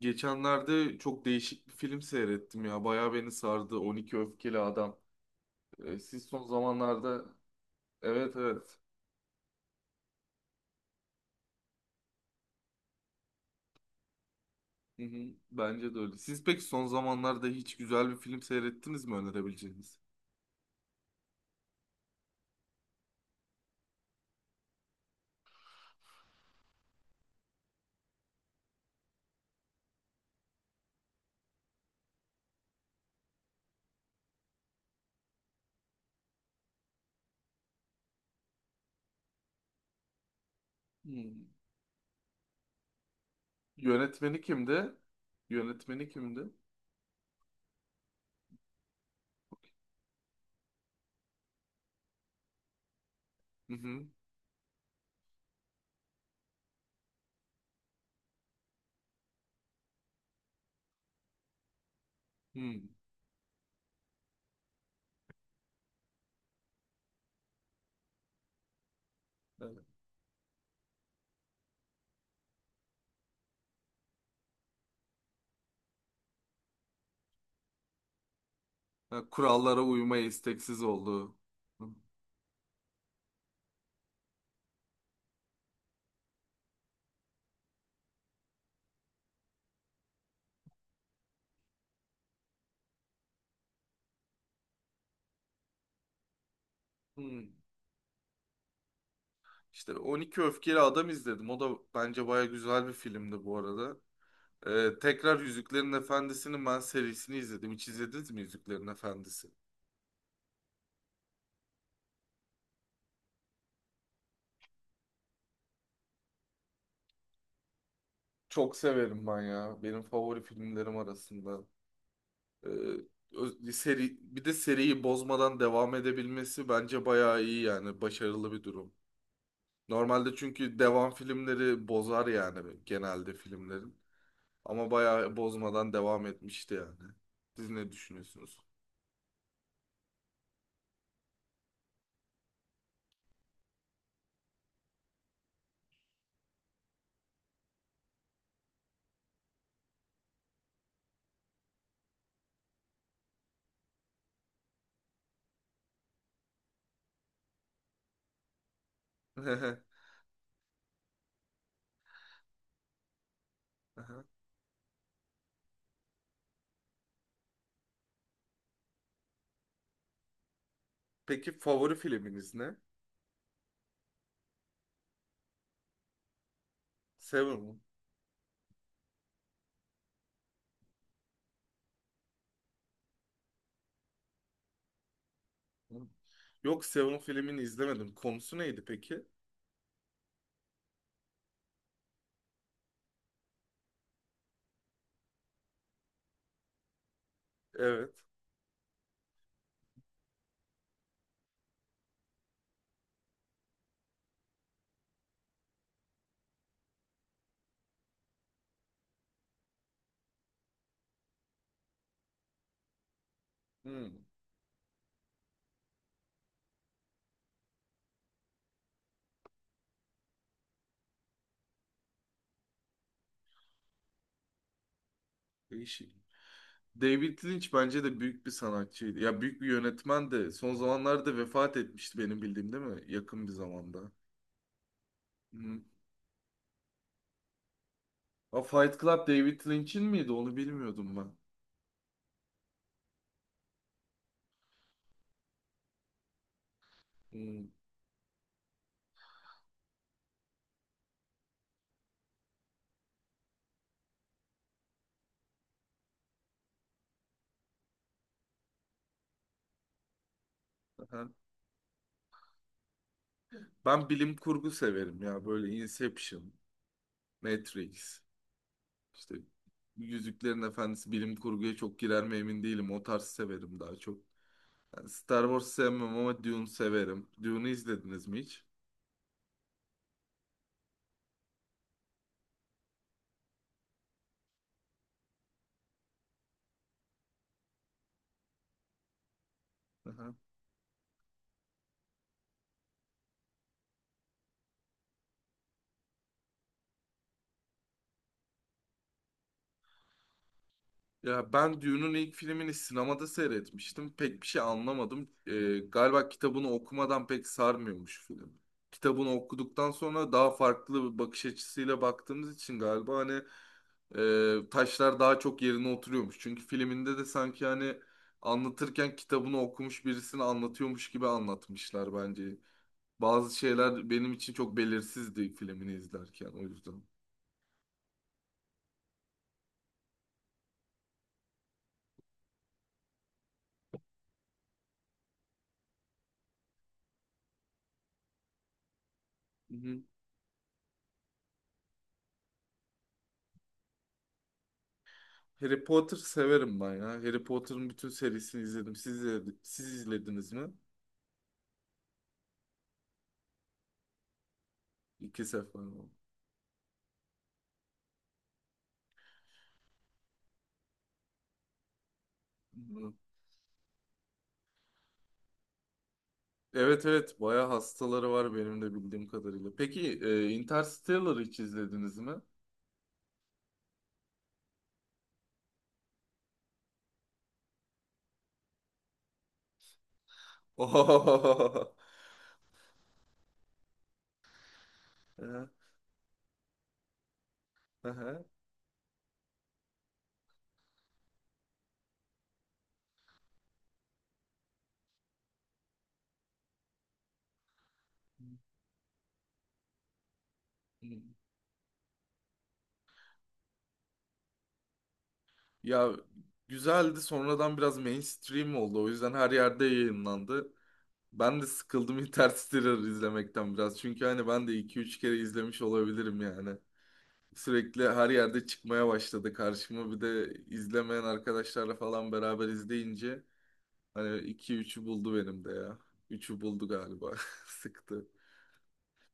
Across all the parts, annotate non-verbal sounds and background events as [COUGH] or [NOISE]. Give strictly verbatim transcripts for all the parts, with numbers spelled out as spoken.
Geçenlerde çok değişik bir film seyrettim ya. Bayağı beni sardı. on iki Öfkeli Adam. Ee, siz son zamanlarda... Evet evet. Hı hı, bence de öyle. Siz peki son zamanlarda hiç güzel bir film seyrettiniz mi önerebileceğiniz? Hmm. Yönetmeni kimdi? Yönetmeni kimdi? Hı hı. Hmm. Evet. Ha, kurallara uymaya isteksiz olduğu. Hı. Hmm. İşte on iki Öfkeli Adam izledim. O da bence bayağı güzel bir filmdi bu arada. Ee, tekrar Yüzüklerin Efendisi'nin ben serisini izledim. Hiç izlediniz mi Yüzüklerin Efendisi? Çok severim ben ya. Benim favori filmlerim arasında. Ee, ö- Seri, bir de seriyi bozmadan devam edebilmesi bence bayağı iyi yani. Başarılı bir durum. Normalde çünkü devam filmleri bozar yani genelde filmlerin. Ama bayağı bozmadan devam etmişti yani. Siz ne düşünüyorsunuz? [LAUGHS] Peki favori filminiz ne? Seven mi? Yok Seven filmini izlemedim. Konusu neydi peki? Evet. Hmm, Değişik. David Lynch bence de büyük bir sanatçıydı. Ya büyük bir yönetmen de son zamanlarda vefat etmişti benim bildiğim değil mi? Yakın bir zamanda. Hmm. A Fight Club David Lynch'in miydi? Onu bilmiyordum ben. Hmm. Aha. Ben bilim kurgu severim ya. Böyle Inception, Matrix, işte Yüzüklerin Efendisi bilim kurguya çok girer mi emin değilim. O tarz severim daha çok. Star Wars sevmem ama Dune severim. Dune'u izlediniz mi hiç? Aha. Ya ben Dune'un ilk filmini sinemada seyretmiştim. Pek bir şey anlamadım. Ee, galiba kitabını okumadan pek sarmıyormuş film. Kitabını okuduktan sonra daha farklı bir bakış açısıyla baktığımız için galiba hani e, taşlar daha çok yerine oturuyormuş. Çünkü filminde de sanki hani anlatırken kitabını okumuş birisini anlatıyormuş gibi anlatmışlar bence. Bazı şeyler benim için çok belirsizdi filmini izlerken o yüzden. Hı hı. Harry Potter severim ben ya. Harry Potter'ın bütün serisini izledim. Siz, izledi- siz izlediniz mi? İki sefer oldu. Hı. Evet evet bayağı hastaları var benim de bildiğim kadarıyla. Peki e, Interstellar'ı hiç izlediniz mi? [LAUGHS] Ohohoho. Hı hı. Ya güzeldi, sonradan biraz mainstream oldu. O yüzden her yerde yayınlandı. Ben de sıkıldım [LAUGHS] Interstellar izlemekten biraz. Çünkü hani ben de iki üç kere izlemiş olabilirim yani. Sürekli her yerde çıkmaya başladı karşıma. Bir de izlemeyen arkadaşlarla falan beraber izleyince hani iki üçü buldu benim de ya. Üçü buldu galiba. [LAUGHS] Sıktı.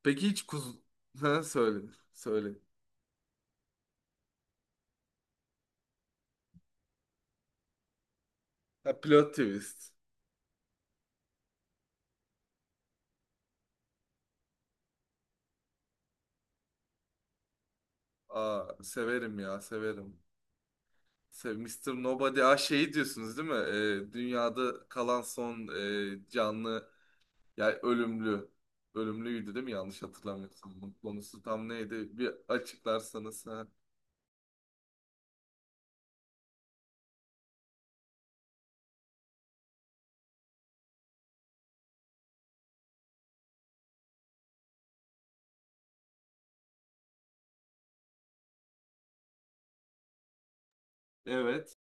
Peki hiç kuz... Ha, söyle. Söyle. Ha, plot twist. Aa, severim ya severim. Se- mister Nobody. Aa şeyi diyorsunuz değil mi? Ee, dünyada kalan son e, canlı. Yani ölümlü. Ölümlüydü değil mi? Yanlış hatırlamıyorsam. Bunun konusu tam neydi? Bir açıklarsanız. Ha. Evet.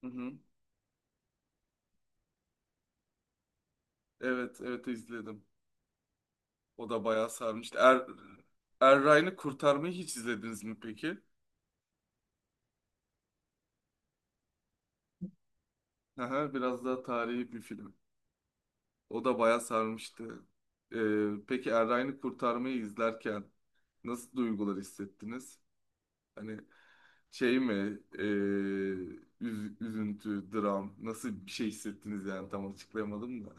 Hı hı. Evet, evet izledim. O da bayağı sarmıştı. Er, Erray'ını Kurtarmayı hiç izlediniz mi peki? Aha, biraz daha tarihi bir film. O da bayağı sarmıştı. Ee, peki Erray'ını Kurtarmayı izlerken nasıl duygular hissettiniz? Hani şey mi? Ee, üz- üzüntü, dram. Nasıl bir şey hissettiniz yani tam açıklayamadım da.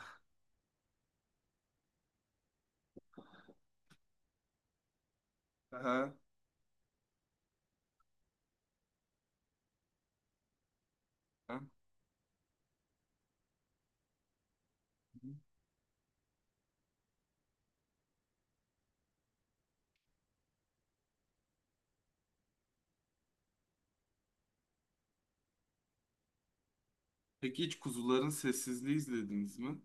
Aha, aha. Peki hiç Kuzuların Sessizliği izlediniz mi?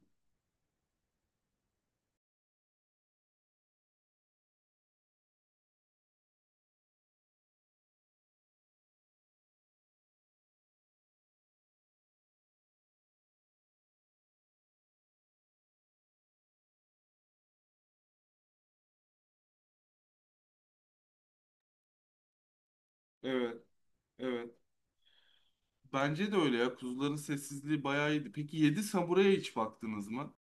Evet, evet. Bence de öyle ya. Kuzuların Sessizliği bayağı iyiydi. Peki Yedi Samuray'a hiç baktınız mı?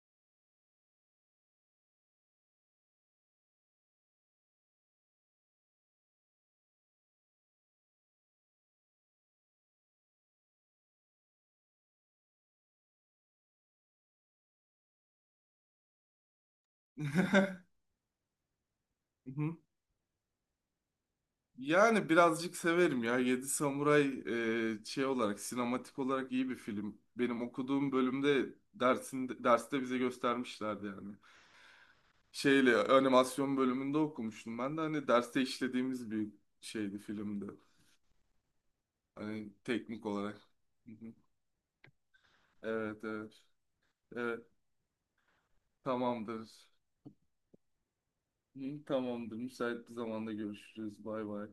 [LAUGHS] Mhm. Yani birazcık severim ya. Yedi Samuray e, şey olarak, sinematik olarak iyi bir film. Benim okuduğum bölümde dersinde, derste bize göstermişlerdi yani. Şeyle animasyon bölümünde okumuştum ben de hani derste işlediğimiz bir şeydi filmdi. Hani teknik olarak. Evet, evet. Evet, tamamdır. Hı, tamamdır. Müsait bir zamanda görüşürüz. Bay bay.